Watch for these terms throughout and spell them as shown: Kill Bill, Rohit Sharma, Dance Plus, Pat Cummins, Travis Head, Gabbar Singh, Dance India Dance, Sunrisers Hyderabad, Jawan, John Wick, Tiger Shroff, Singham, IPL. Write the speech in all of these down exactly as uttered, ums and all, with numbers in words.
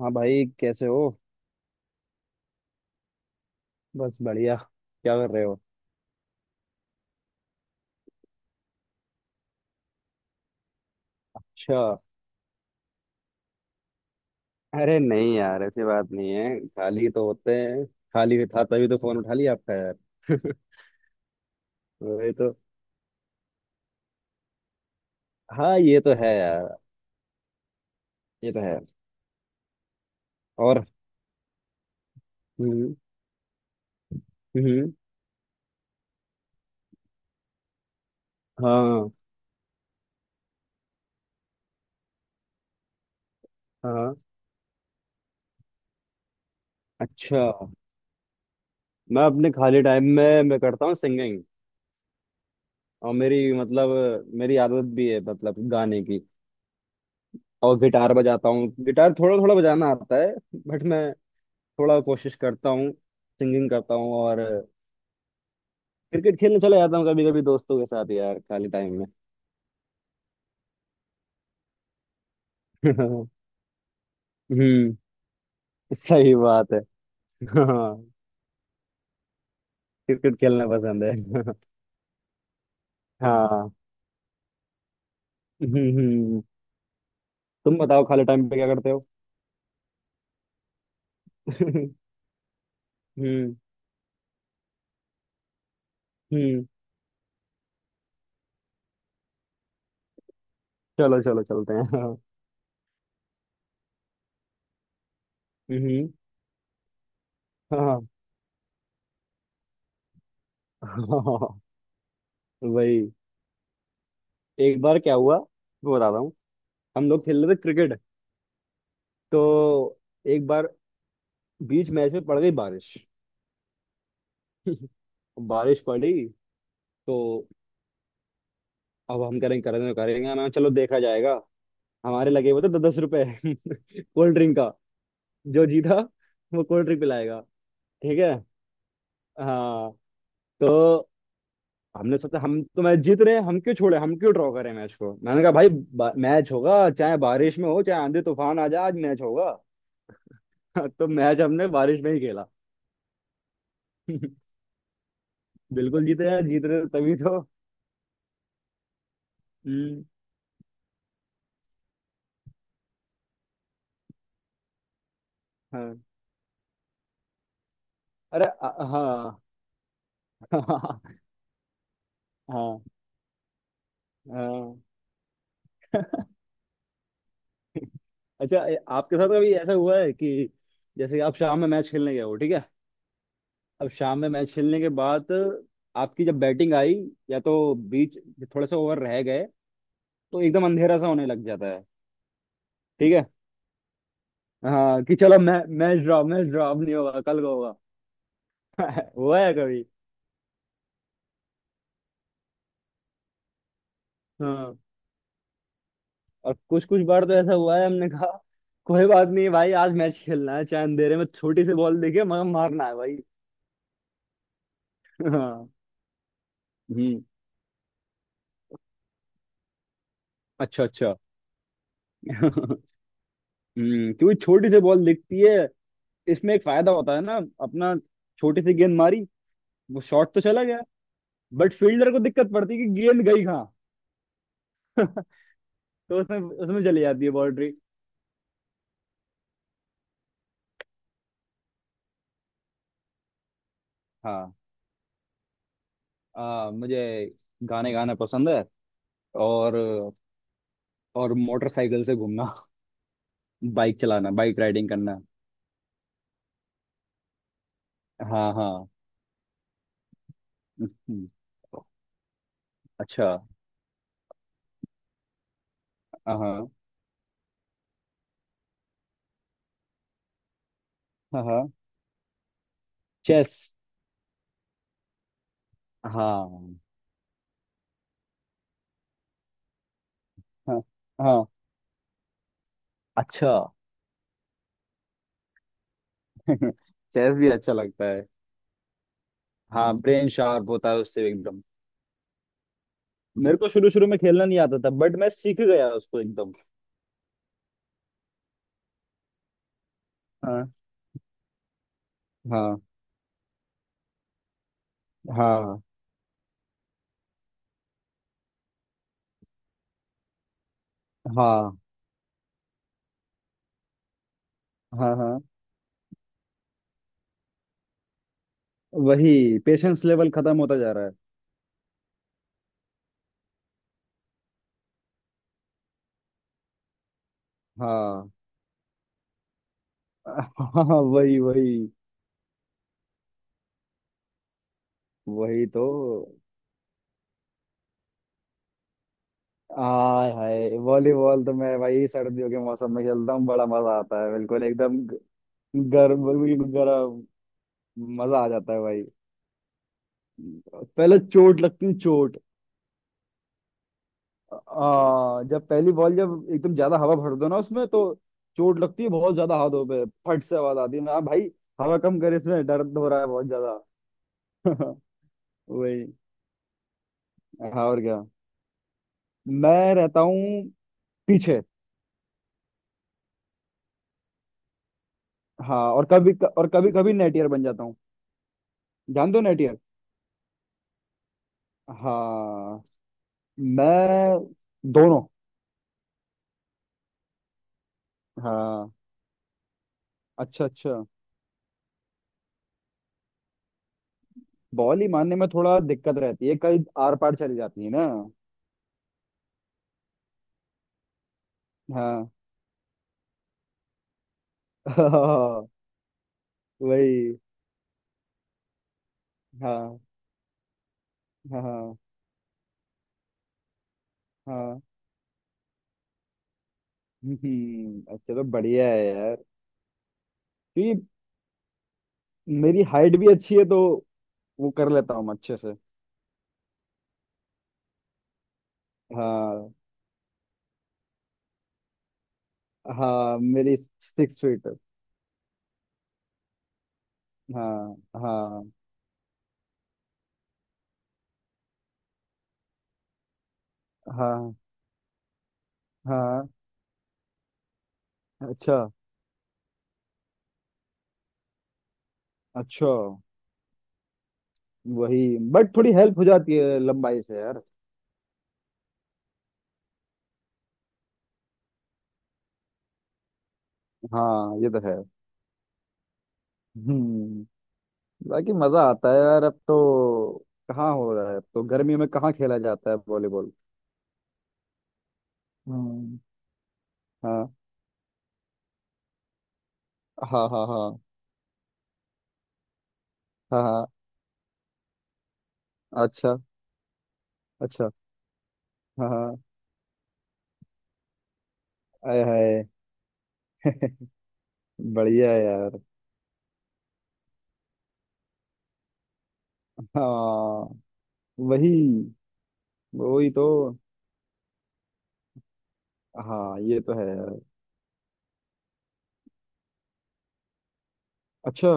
हाँ भाई, कैसे हो। बस बढ़िया। क्या कर रहे हो? अच्छा। अरे नहीं यार, ऐसी बात नहीं है, खाली तो होते हैं। खाली था तभी तो फोन उठा लिया आपका यार। वही तो। हाँ, ये तो है यार। ये तो है। और। हम्म, हम्म। हाँ, हाँ। अच्छा। मैं अपने खाली टाइम में मैं करता हूँ सिंगिंग। और मेरी मतलब, मेरी आदत भी है मतलब गाने की। और गिटार बजाता हूँ, गिटार थोड़ा थोड़ा बजाना आता है। बट मैं थोड़ा कोशिश करता हूँ सिंगिंग करता हूँ। और क्रिकेट खेलने चला जाता हूँ कभी कभी दोस्तों के साथ यार, खाली टाइम में। हम्म। सही बात है। हाँ। क्रिकेट खेलना पसंद है। हाँ। हम्म, हम्म। तुम बताओ खाली टाइम पे क्या करते हो? हम्म। हम्म। चलो, चलो, चलते हैं। हाँ। हम्म। हाँ, हाँ। वही। एक बार क्या हुआ, वो बता रहा हूँ। हम लोग खेल रहे थे क्रिकेट। तो एक बार बीच मैच में पड़ गई बारिश। बारिश पड़ी। तो अब हम करेंगे, करेंगे, करेंगे ना, चलो देखा जाएगा। हमारे लगे हुए थे दस दस रुपए। कोल्ड ड्रिंक का, जो जीता वो कोल्ड ड्रिंक पिलाएगा। ठीक है। हाँ। तो हमने सोचा हम तो मैच जीत रहे हैं, हम क्यों छोड़े, हम क्यों ड्रॉ करें मैच को, मैंने कहा भाई, मैच होगा, चाहे बारिश में हो चाहे आंधी तूफान आ जाए, आज मैच होगा। तो मैच हमने बारिश में ही खेला। बिल्कुल जीते यार, जीत रहे थे तभी तो। हम्म। हाँ। अरे, आ- हाँ। हाँ, हाँ। अच्छा, ए- आपके साथ कभी ऐसा हुआ है कि जैसे आप शाम में मैच खेलने गए हो, ठीक है। अब शाम में मैच खेलने के बाद आपकी जब बैटिंग आई, या तो बीच, थोड़े से ओवर रह गए, तो एकदम अंधेरा सा होने लग जाता है। ठीक है। हाँ कि चलो मै, मैच ड्रॉ, मैच ड्रॉ अब नहीं होगा, कल को होगा। हुआ है कभी? हाँ। और कुछ कुछ बार तो ऐसा हुआ है, हमने कहा कोई बात नहीं भाई, आज मैच खेलना है, चाहे अंधेरे में छोटी सी बॉल देखे मगर मारना है भाई। हाँ। हम्म। अच्छा, अच्छा। हम्म क्योंकि छोटी सी बॉल दिखती है, इसमें एक फायदा होता है ना, अपना, छोटी सी गेंद मारी, वो शॉट तो चला गया। बट फील्डर को दिक्कत पड़ती है कि गेंद गई कहाँ। तो उसमें उसमें चली जाती है बाउंड्री। हाँ। आ, मुझे गाने गाना पसंद है। और और मोटरसाइकिल से घूमना, बाइक चलाना, बाइक राइडिंग करना। हाँ, हाँ। हम्म, अच्छा। हाँ, हाँ, हाँ। चेस। हाँ, हाँ, हाँ। अच्छा। चेस भी अच्छा लगता है। हाँ, ब्रेन शार्प होता है उससे एकदम। मेरे को शुरू शुरू में खेलना नहीं आता था बट मैं सीख गया उसको एकदम। हाँ, हाँ, हाँ, हाँ, हाँ, हाँ। वही, पेशेंस लेवल खत्म होता जा रहा है। हाँ, हाँ। वही, वही। वही तो। आय हाय, वॉलीबॉल तो मैं भाई सर्दियों के मौसम में खेलता हूँ, बड़ा मजा आता है, बिल्कुल एकदम ग- गर्म, बिल्कुल गर्म। मजा आ जाता है भाई। पहले चोट लगती है, चोट। आ, जब पहली बॉल जब एकदम ज्यादा हवा भर दो ना उसमें तो चोट लगती है बहुत ज्यादा हाथों पे, फट से आवाज आती है ना भाई। हवा कम करे, इसमें दर्द हो रहा है बहुत ज्यादा। वही। हाँ और क्या। मैं रहता हूँ पीछे। हाँ और कभी और कभी कभी नेटियर बन जाता हूँ। जान दो नेटियर। हाँ, मैं दोनों। हाँ, अच्छा, अच्छा। बॉल ही मारने में थोड़ा दिक्कत रहती है, कई आर पार चली जाती है ना। हाँ। हाँ, वही। हाँ, हाँ, हाँ। हम्म, अच्छा तो बढ़िया है यार। क्योंकि मेरी हाइट भी अच्छी है तो वो कर लेता हूँ मैं अच्छे से। हाँ। हाँ, मेरी सिक्स फीट। हाँ, हाँ, हाँ, हाँ। अच्छा, अच्छा। वही। बट थोड़ी हेल्प हो जाती है लंबाई से यार। हाँ, ये तो है। हम्म। बाकी मजा आता है यार, अब तो। कहाँ हो रहा है अब तो, गर्मियों में कहाँ खेला जाता है वॉलीबॉल? हम्म। हाँ, हाँ, हाँ। हाँ, हाँ, हाँ। अच्छा, अच्छा। हाँ, हाँ। आय हाय। बढ़िया है यार। हाँ। वही। वही तो। हाँ, ये तो है यार। अच्छा।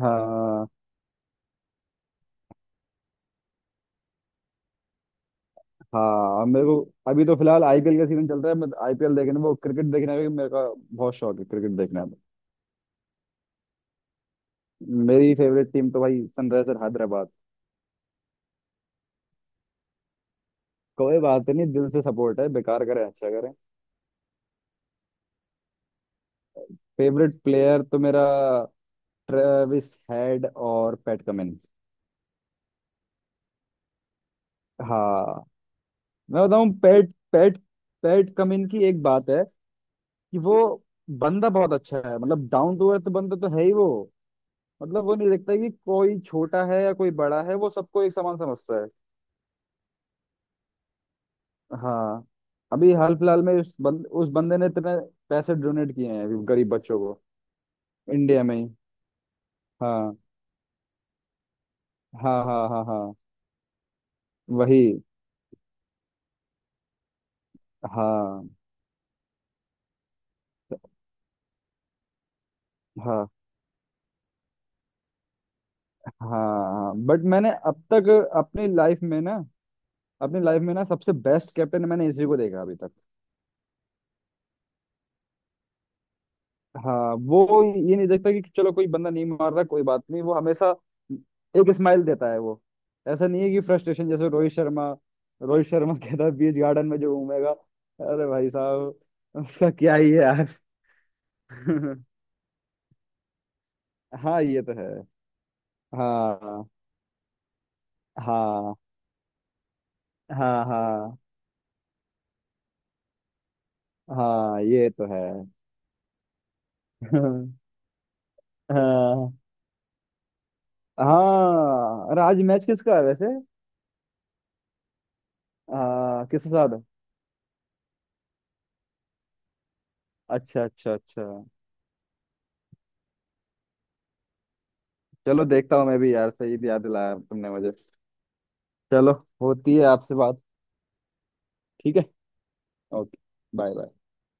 हाँ, हाँ, अब मेरे को, अभी तो फिलहाल आईपीएल का सीजन चल रहा है, मैं आईपीएल देखने, वो क्रिकेट देखने का भी मेरे का बहुत शौक है, क्रिकेट देखना है। मेरी फेवरेट टीम तो भाई सनराइजर हैदराबाद। कोई बात नहीं, दिल से सपोर्ट है, बेकार करें अच्छा करें। फेवरेट प्लेयर तो मेरा ट्रेविस हेड और पैट कमिंस। हाँ। मैं बताऊं, पैट पैट पैट कमिंस की एक बात है कि वो बंदा बहुत अच्छा है, मतलब डाउन टू अर्थ बंदा तो है ही वो। मतलब वो नहीं देखता कि कोई छोटा है या कोई बड़ा है, वो सबको एक समान समझता है। हाँ। अभी हाल फिलहाल में उस बंद उस बंदे ने इतने पैसे डोनेट किए हैं अभी गरीब बच्चों को। इंडिया में ही। हाँ, हाँ, हाँ, हाँ, हाँ। वही। हाँ, हाँ, हाँ। बट मैंने अब तक, अपनी लाइफ में ना अपनी लाइफ में ना सबसे बेस्ट कैप्टन मैंने इसी को देखा अभी तक। हाँ, वो ये नहीं देखता कि चलो कोई बंदा नहीं मार रहा, कोई बात नहीं, वो हमेशा एक स्माइल देता है वो। ऐसा नहीं है कि फ्रस्ट्रेशन, जैसे रोहित शर्मा रोहित शर्मा कहता है बीच गार्डन में जो घूमेगा, अरे भाई साहब, उसका क्या ही है यार। हाँ, ये तो है। हाँ, हाँ, हाँ, हाँ, हाँ, ये तो है। हाँ, हाँ, अरे आज मैच किसका है वैसे? हाँ, किसके साथ है? अच्छा, अच्छा, अच्छा। चलो देखता हूँ मैं भी यार, सही याद दिलाया तुमने मुझे। चलो। होती है आपसे बात। ठीक है, ओके। Bye, bye.